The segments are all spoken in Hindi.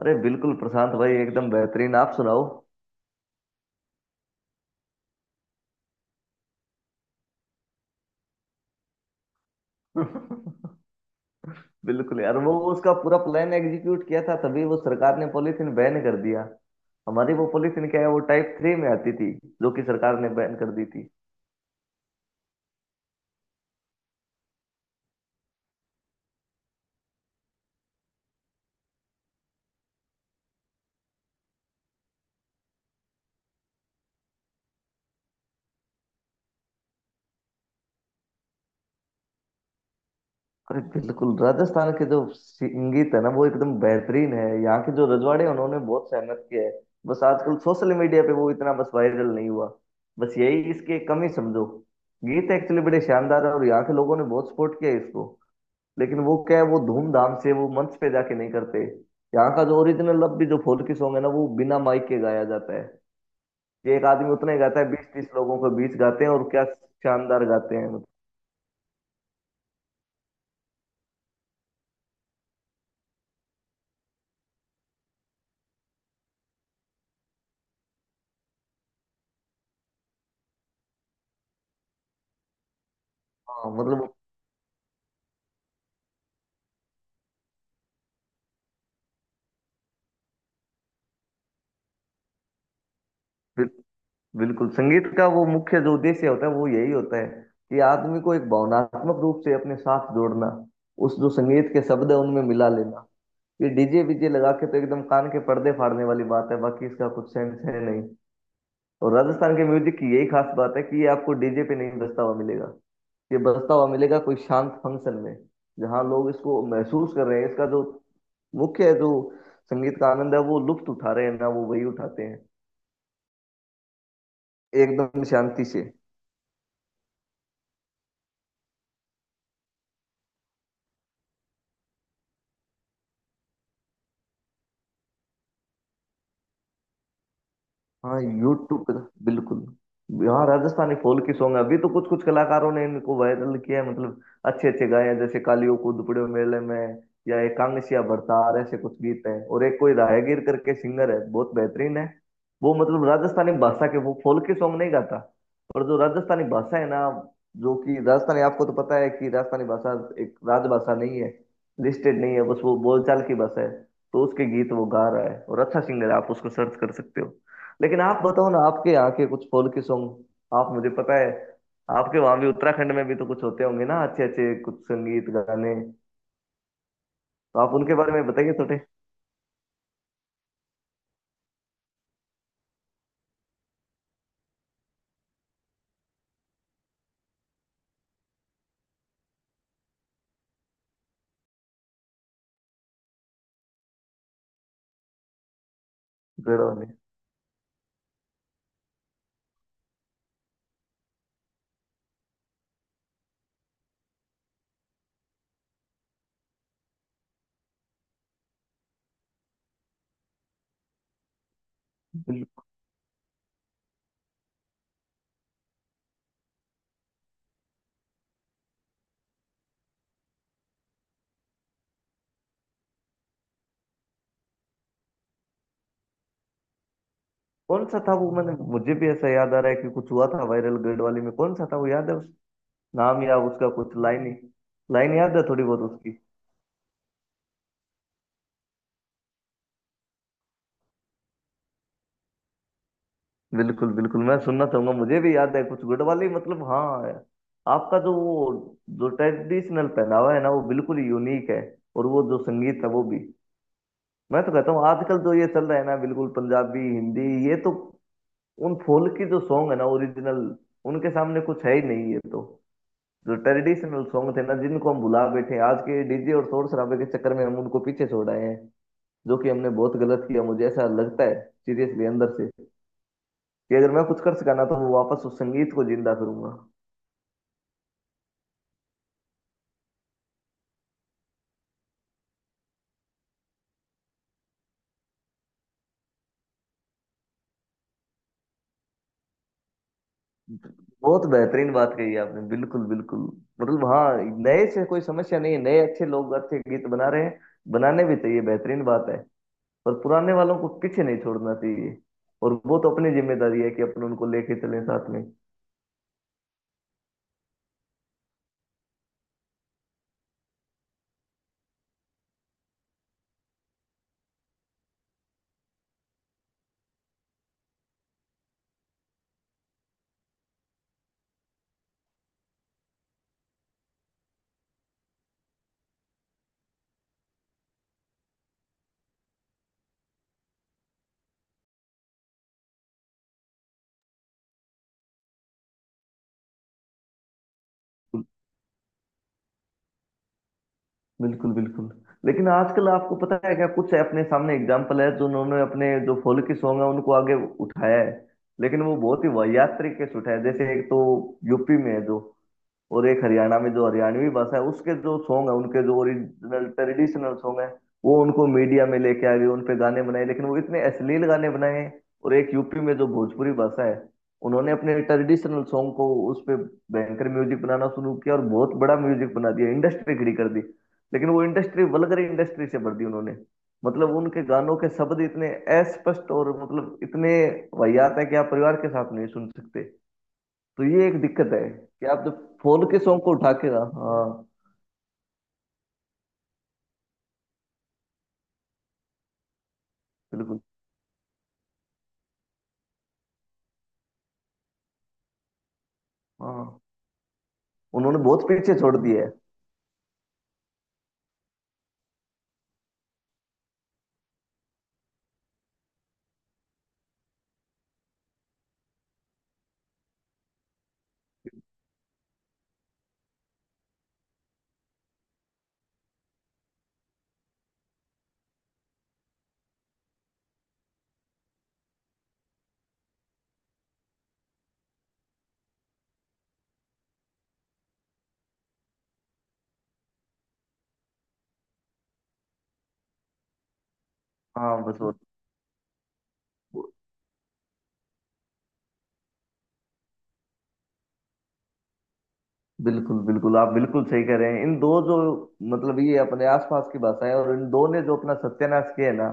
अरे बिल्कुल, प्रशांत भाई, एकदम बेहतरीन। आप सुनाओ। बिल्कुल यार, वो उसका पूरा प्लान एग्जीक्यूट किया था, तभी वो सरकार ने पॉलीथीन बैन कर दिया। हमारी वो पॉलीथीन क्या है, वो टाइप 3 में आती थी, जो कि सरकार ने बैन कर दी थी। अरे बिल्कुल, राजस्थान के जो संगीत है ना, वो एकदम बेहतरीन है। यहाँ के जो रजवाड़े हैं, उन्होंने बहुत सहमत किया है। बस आजकल सोशल मीडिया पे वो इतना बस वायरल नहीं हुआ। बस यही इसकी एक कमी समझो। गीत एक्चुअली बड़े शानदार है और यहाँ के लोगों ने बहुत सपोर्ट किया है इसको। लेकिन वो क्या है, वो धूमधाम से वो मंच पे जाके नहीं करते। यहाँ का जो ओरिजिनल अब भी जो फोल्की सॉन्ग है ना, वो बिना माइक के गाया जाता है। कि एक आदमी उतना ही गाता है, 20 30 लोगों के बीच गाते हैं, और क्या शानदार गाते हैं, मतलब। हाँ, मतलब वो बिल- बिल्कुल संगीत का वो मुख्य जो उद्देश्य होता है वो यही होता है। कि आदमी को एक भावनात्मक रूप से अपने साथ जोड़ना, उस जो संगीत के शब्द है उनमें मिला लेना। ये डीजे वीजे लगा के तो एकदम कान के पर्दे फाड़ने वाली बात है, बाकी इसका कुछ सेंस है नहीं। और राजस्थान के म्यूजिक की यही खास बात है कि ये आपको डीजे पे नहीं बजता हुआ मिलेगा। ये बजता हुआ मिलेगा कोई शांत फंक्शन में, जहाँ लोग इसको महसूस कर रहे हैं। इसका जो मुख्य जो संगीत का आनंद है, वो लुप्त उठा रहे हैं ना, वो वही उठाते हैं, एकदम शांति से। हाँ, यूट्यूब पे था, बिल्कुल। हाँ, राजस्थानी फोल्क सॉन्ग अभी तो कुछ कुछ कलाकारों ने इनको वायरल किया है, मतलब अच्छे अच्छे गाए हैं, जैसे कालियो को दुपड़े मेले में, या एक कांगसिया भरतार, ऐसे कुछ गीत हैं। और एक कोई राहगीर करके सिंगर है, बहुत बेहतरीन है। वो मतलब राजस्थानी भाषा के वो फोल्क सॉन्ग नहीं गाता, पर जो राजस्थानी भाषा है ना, जो कि राजस्थानी, आपको तो पता है कि राजस्थानी भाषा एक राजभाषा नहीं है, लिस्टेड नहीं है, बस वो बोलचाल की भाषा है। तो उसके गीत वो गा रहा है और अच्छा सिंगर है, आप उसको सर्च कर सकते हो। लेकिन आप बताओ ना, आपके यहाँ के कुछ फोल्क सॉन्ग, आप, मुझे पता है आपके वहां भी, उत्तराखंड में भी तो कुछ होते होंगे ना, अच्छे अच्छे कुछ संगीत गाने। तो आप उनके बारे में बताइए थोड़े। गढ़ वाले। बिल- कौन सा था वो? मैंने, मुझे भी ऐसा याद आ रहा है कि कुछ हुआ था वायरल गढ़ वाले में, कौन सा था वो? याद है उस नाम या उसका कुछ लाइन ही, लाइन याद है थोड़ी बहुत उसकी? बिल्कुल बिल्कुल, मैं सुनना चाहूंगा। मुझे भी याद है कुछ गुड वाली, मतलब हाँ। आपका जो वो जो ट्रेडिशनल पहनावा है ना, वो बिल्कुल यूनिक है। और वो जो संगीत है वो भी, मैं तो कहता हूँ आजकल जो ये चल रहा है ना बिल्कुल पंजाबी हिंदी, ये तो उन फोल्क की जो सॉन्ग है ना ओरिजिनल, उनके सामने कुछ है ही नहीं। ये तो जो ट्रेडिशनल सॉन्ग थे ना, जिनको हम भुला बैठे हैं, आज के डीजे और शोर शराबे के चक्कर में हम उनको पीछे छोड़ आए हैं। जो कि हमने बहुत गलत किया, मुझे ऐसा लगता है, सीरियसली अंदर से। कि अगर मैं कुछ कर सका ना, तो मैं वापस उस संगीत को जिंदा करूंगा। बहुत बेहतरीन बात कही आपने, बिल्कुल बिल्कुल, मतलब हाँ। नए से कोई समस्या नहीं है, नए अच्छे लोग अच्छे गीत बना रहे हैं, बनाने भी चाहिए, बेहतरीन बात है। पर पुराने वालों को पीछे नहीं छोड़ना चाहिए, और वो तो अपनी जिम्मेदारी है कि अपन उनको लेके चलें साथ में। बिल्कुल बिल्कुल। लेकिन आजकल आपको पता है क्या, कुछ अपने सामने एग्जाम्पल है जो उन्होंने अपने जो फोल्की सॉन्ग है उनको आगे उठाया है, लेकिन वो बहुत ही वाहियात तरीके से उठाया है। जैसे एक तो यूपी में है जो, और एक हरियाणा में, जो हरियाणवी भाषा है उसके जो सॉन्ग है, उनके जो ओरिजिनल ट्रेडिशनल सॉन्ग है, वो उनको मीडिया में लेके आ गए, उन पे गाने बनाए, लेकिन वो इतने अश्लील गाने बनाए हैं। और एक यूपी में जो भोजपुरी भाषा है, उन्होंने अपने ट्रेडिशनल सॉन्ग को उस पे भयंकर म्यूजिक बनाना शुरू किया, और बहुत बड़ा म्यूजिक बना दिया, इंडस्ट्री खड़ी कर दी। लेकिन वो इंडस्ट्री वल्गर इंडस्ट्री से भर दी उन्होंने। मतलब उनके गानों के शब्द इतने अस्पष्ट, और मतलब इतने वाहियात है कि आप परिवार के साथ नहीं सुन सकते। तो ये एक दिक्कत है कि आप जब फोन के सॉन्ग को उठा के ना। हाँ, बिल्कुल। हाँ, उन्होंने बहुत पीछे छोड़ दिया है। हाँ बस वो, बिल्कुल बिल्कुल, आप बिल्कुल सही कह रहे हैं। इन दो जो, मतलब ये अपने आसपास की भाषाएं, और इन दो ने जो अपना सत्यानाश किया है ना,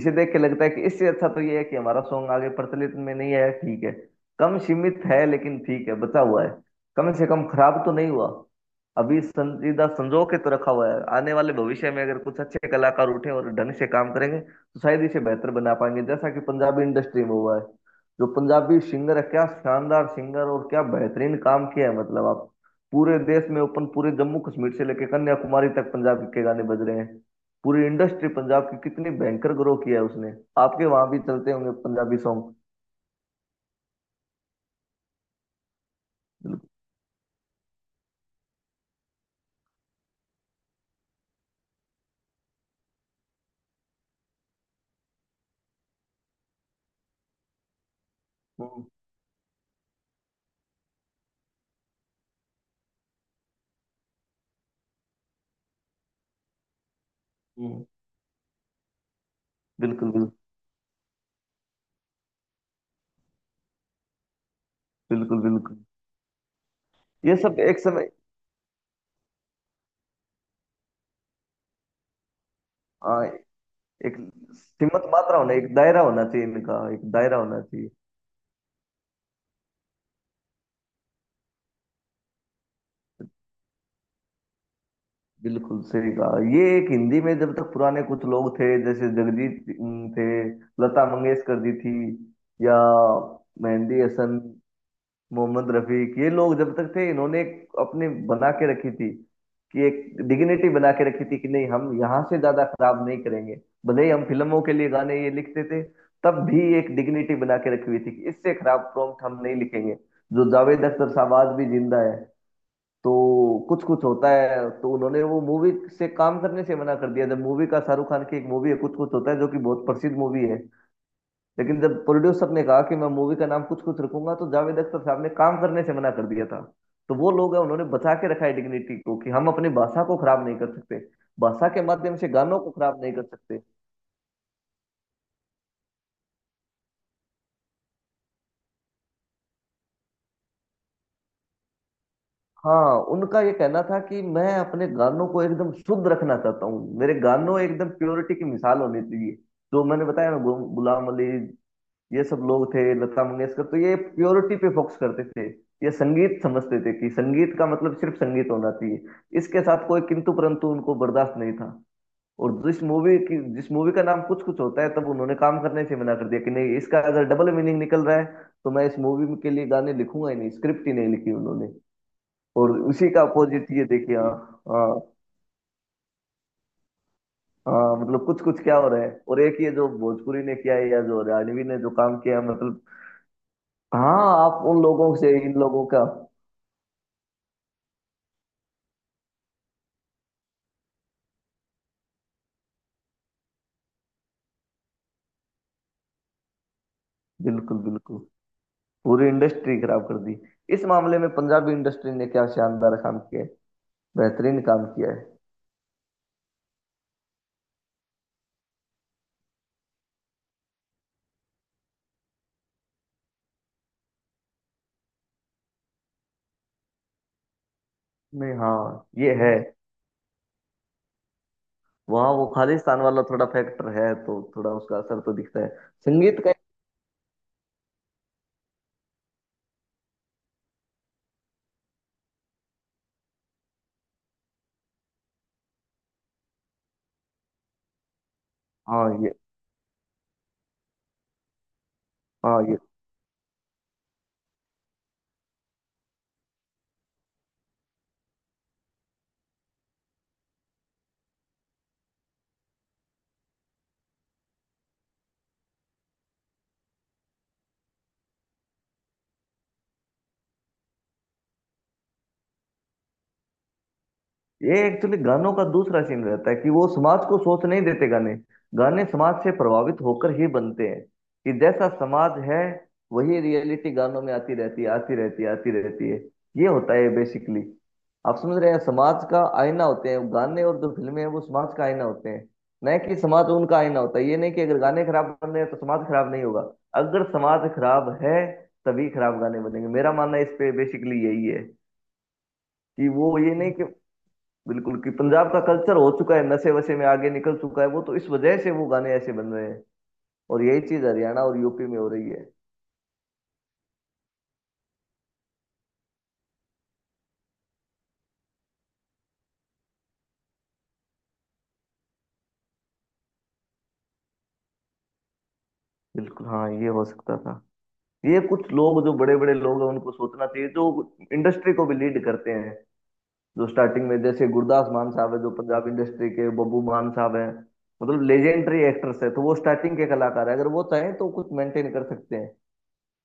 इसे देख के लगता है कि इससे अच्छा तो ये है कि हमारा सॉन्ग आगे प्रचलित में नहीं आया, ठीक है कम सीमित है लेकिन ठीक है बचा हुआ है, कम से कम खराब तो नहीं हुआ। अभी संजीदा संजो के तो रखा हुआ है, आने वाले भविष्य में अगर कुछ अच्छे कलाकार उठे और ढंग से काम करेंगे तो शायद इसे बेहतर बना पाएंगे, जैसा कि पंजाबी इंडस्ट्री में हुआ है। जो पंजाबी सिंगर है, क्या शानदार सिंगर, और क्या बेहतरीन काम किया है, मतलब आप पूरे देश में ओपन, पूरे जम्मू कश्मीर से लेकर कन्याकुमारी तक पंजाब के गाने बज रहे हैं। पूरी इंडस्ट्री पंजाब की कितनी भयंकर ग्रो किया है उसने। आपके वहां भी चलते होंगे पंजाबी सॉन्ग। बिल्कुल। हम्म, बिल्कुल बिल्कुल। बिल्कुल बिल्कुल। ये सब एक समय। हाँ, एक सीमित मात्रा होना, एक दायरा होना चाहिए, इनका एक दायरा होना चाहिए। बिल्कुल सही कहा। ये एक हिंदी में जब तक पुराने कुछ लोग थे, जैसे जगजीत सिंह थे, लता मंगेशकर जी थी, या मेहंदी हसन, मोहम्मद रफीक, ये लोग जब तक थे, इन्होंने एक अपने बना के रखी थी, कि एक डिग्निटी बना के रखी थी, कि नहीं, हम यहाँ से ज्यादा खराब नहीं करेंगे। भले ही हम फिल्मों के लिए गाने ये लिखते थे, तब भी एक डिग्निटी बना के रखी हुई थी कि इससे खराब प्रॉम्प्ट हम नहीं लिखेंगे। जो जावेद अख्तर साहब आज भी जिंदा है, तो कुछ कुछ होता है, तो उन्होंने वो मूवी से काम करने से मना कर दिया। जब मूवी का, शाहरुख खान की एक मूवी है कुछ कुछ होता है, जो कि बहुत प्रसिद्ध मूवी है, लेकिन जब प्रोड्यूसर ने कहा कि मैं मूवी का नाम कुछ कुछ रखूंगा, तो जावेद अख्तर साहब ने काम करने से मना कर दिया था। तो वो लोग हैं, उन्होंने बचा के रखा है डिग्निटी को, कि हम अपनी भाषा को खराब नहीं कर सकते, भाषा के माध्यम से गानों को खराब नहीं कर सकते। हाँ, उनका ये कहना था कि मैं अपने गानों को एकदम शुद्ध रखना चाहता हूँ, मेरे गानों एकदम प्योरिटी की मिसाल होनी चाहिए। जो मैंने बताया ना, गुलाम अली, ये सब लोग थे, लता मंगेशकर, तो ये प्योरिटी पे फोकस करते थे। ये संगीत समझते थे कि संगीत का मतलब सिर्फ संगीत होना चाहिए, इसके साथ कोई किंतु परंतु उनको बर्दाश्त नहीं था। और जिस मूवी की, जिस मूवी का नाम कुछ कुछ होता है, तब उन्होंने काम करने से मना कर दिया, कि नहीं, इसका अगर डबल मीनिंग निकल रहा है तो मैं इस मूवी के लिए गाने लिखूंगा ही नहीं, स्क्रिप्ट ही नहीं लिखी उन्होंने। और उसी का अपोजिट ये देखिए। हाँ। हाँ, हाँ, मतलब कुछ कुछ क्या हो रहा है, और एक ये जो भोजपुरी ने किया है, या जो हरियाणवी ने जो काम किया है, मतलब। हाँ। आप उन लोगों से इन लोगों का, बिल्कुल बिल्कुल, पूरी इंडस्ट्री खराब कर दी। इस मामले में पंजाबी इंडस्ट्री ने क्या शानदार काम किया है, बेहतरीन काम किया है। नहीं, हाँ ये है, वहाँ वो खालिस्तान वाला थोड़ा फैक्टर है, तो थोड़ा उसका असर तो दिखता है संगीत का। हाँ, ये। हाँ, ये एक्चुअली गानों का दूसरा सीन रहता है कि वो समाज को सोच नहीं देते गाने। गाने समाज से प्रभावित होकर ही बनते हैं, कि जैसा समाज है, वही रियलिटी गानों में आती रहती है, आती रहती है, आती रहती है। ये होता है बेसिकली, आप समझ रहे हैं। समाज का आईना होते हैं गाने, और जो फिल्में हैं वो समाज का आईना होते हैं, न कि समाज उनका आईना होता है। ये नहीं कि अगर गाने खराब बन रहे हैं तो समाज खराब नहीं होगा, अगर समाज खराब है तभी खराब गाने बनेंगे। मेरा मानना इस पे बेसिकली यही है, कि वो ये नहीं कि, बिल्कुल, कि पंजाब का कल्चर हो चुका है नशे वशे में, आगे निकल चुका है वो, तो इस वजह से वो गाने ऐसे बन रहे हैं, और यही चीज हरियाणा और यूपी में हो रही है। बिल्कुल, हाँ, ये हो सकता था। ये कुछ लोग जो बड़े बड़े लोग हैं उनको सोचना चाहिए, जो इंडस्ट्री को भी लीड करते हैं, जो स्टार्टिंग में, जैसे गुरदास मान साहब है, जो पंजाब इंडस्ट्री के बब्बू मान साहब हैं, मतलब लेजेंडरी एक्टर्स है, तो वो स्टार्टिंग के कलाकार है, अगर वो चाहें तो कुछ मेंटेन कर सकते हैं।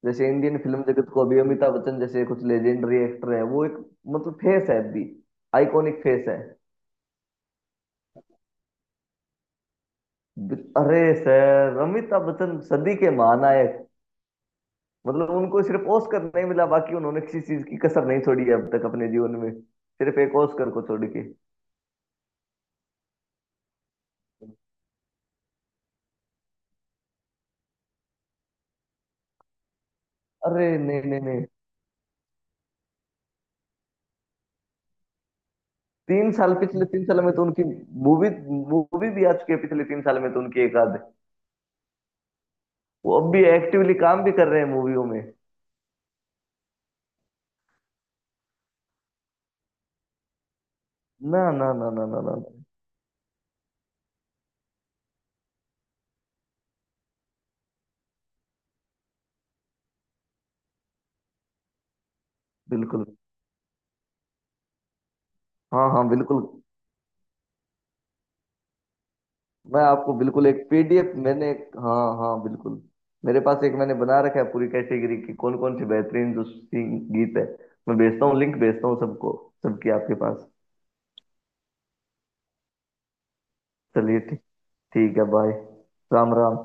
जैसे इंडियन फिल्म जगत को अभी अमिताभ बच्चन जैसे कुछ लेजेंडरी एक्टर हैं, वो एक, मतलब फेस है अभी, आइकॉनिक फेस है। अरे सर, अमिताभ बच्चन सदी के महानायक, मतलब उनको सिर्फ ऑस्कर नहीं मिला, बाकी उन्होंने किसी चीज की कसर नहीं छोड़ी है अब तक अपने जीवन में, सिर्फ एक ऑस्कर को छोड़ के। अरे नहीं नहीं नहीं, 3 साल, पिछले 3 साल में तो उनकी मूवी, मूवी भी आ चुकी है पिछले 3 साल में तो उनकी, एक आध। वो अब भी एक्टिवली काम भी कर रहे हैं मूवियों में। ना ना ना ना ना ना ना, बिल्कुल। हाँ हाँ, बिल्कुल, मैं आपको बिल्कुल एक पीडीएफ, हाँ हाँ बिल्कुल, मेरे पास एक मैंने बना रखा है पूरी कैटेगरी की, कौन कौन से बेहतरीन जो सिंग गीत है, मैं भेजता हूँ, लिंक भेजता हूँ सबको, सबकी आपके पास। चलिए, ठीक, ठीक है, बाय, राम राम।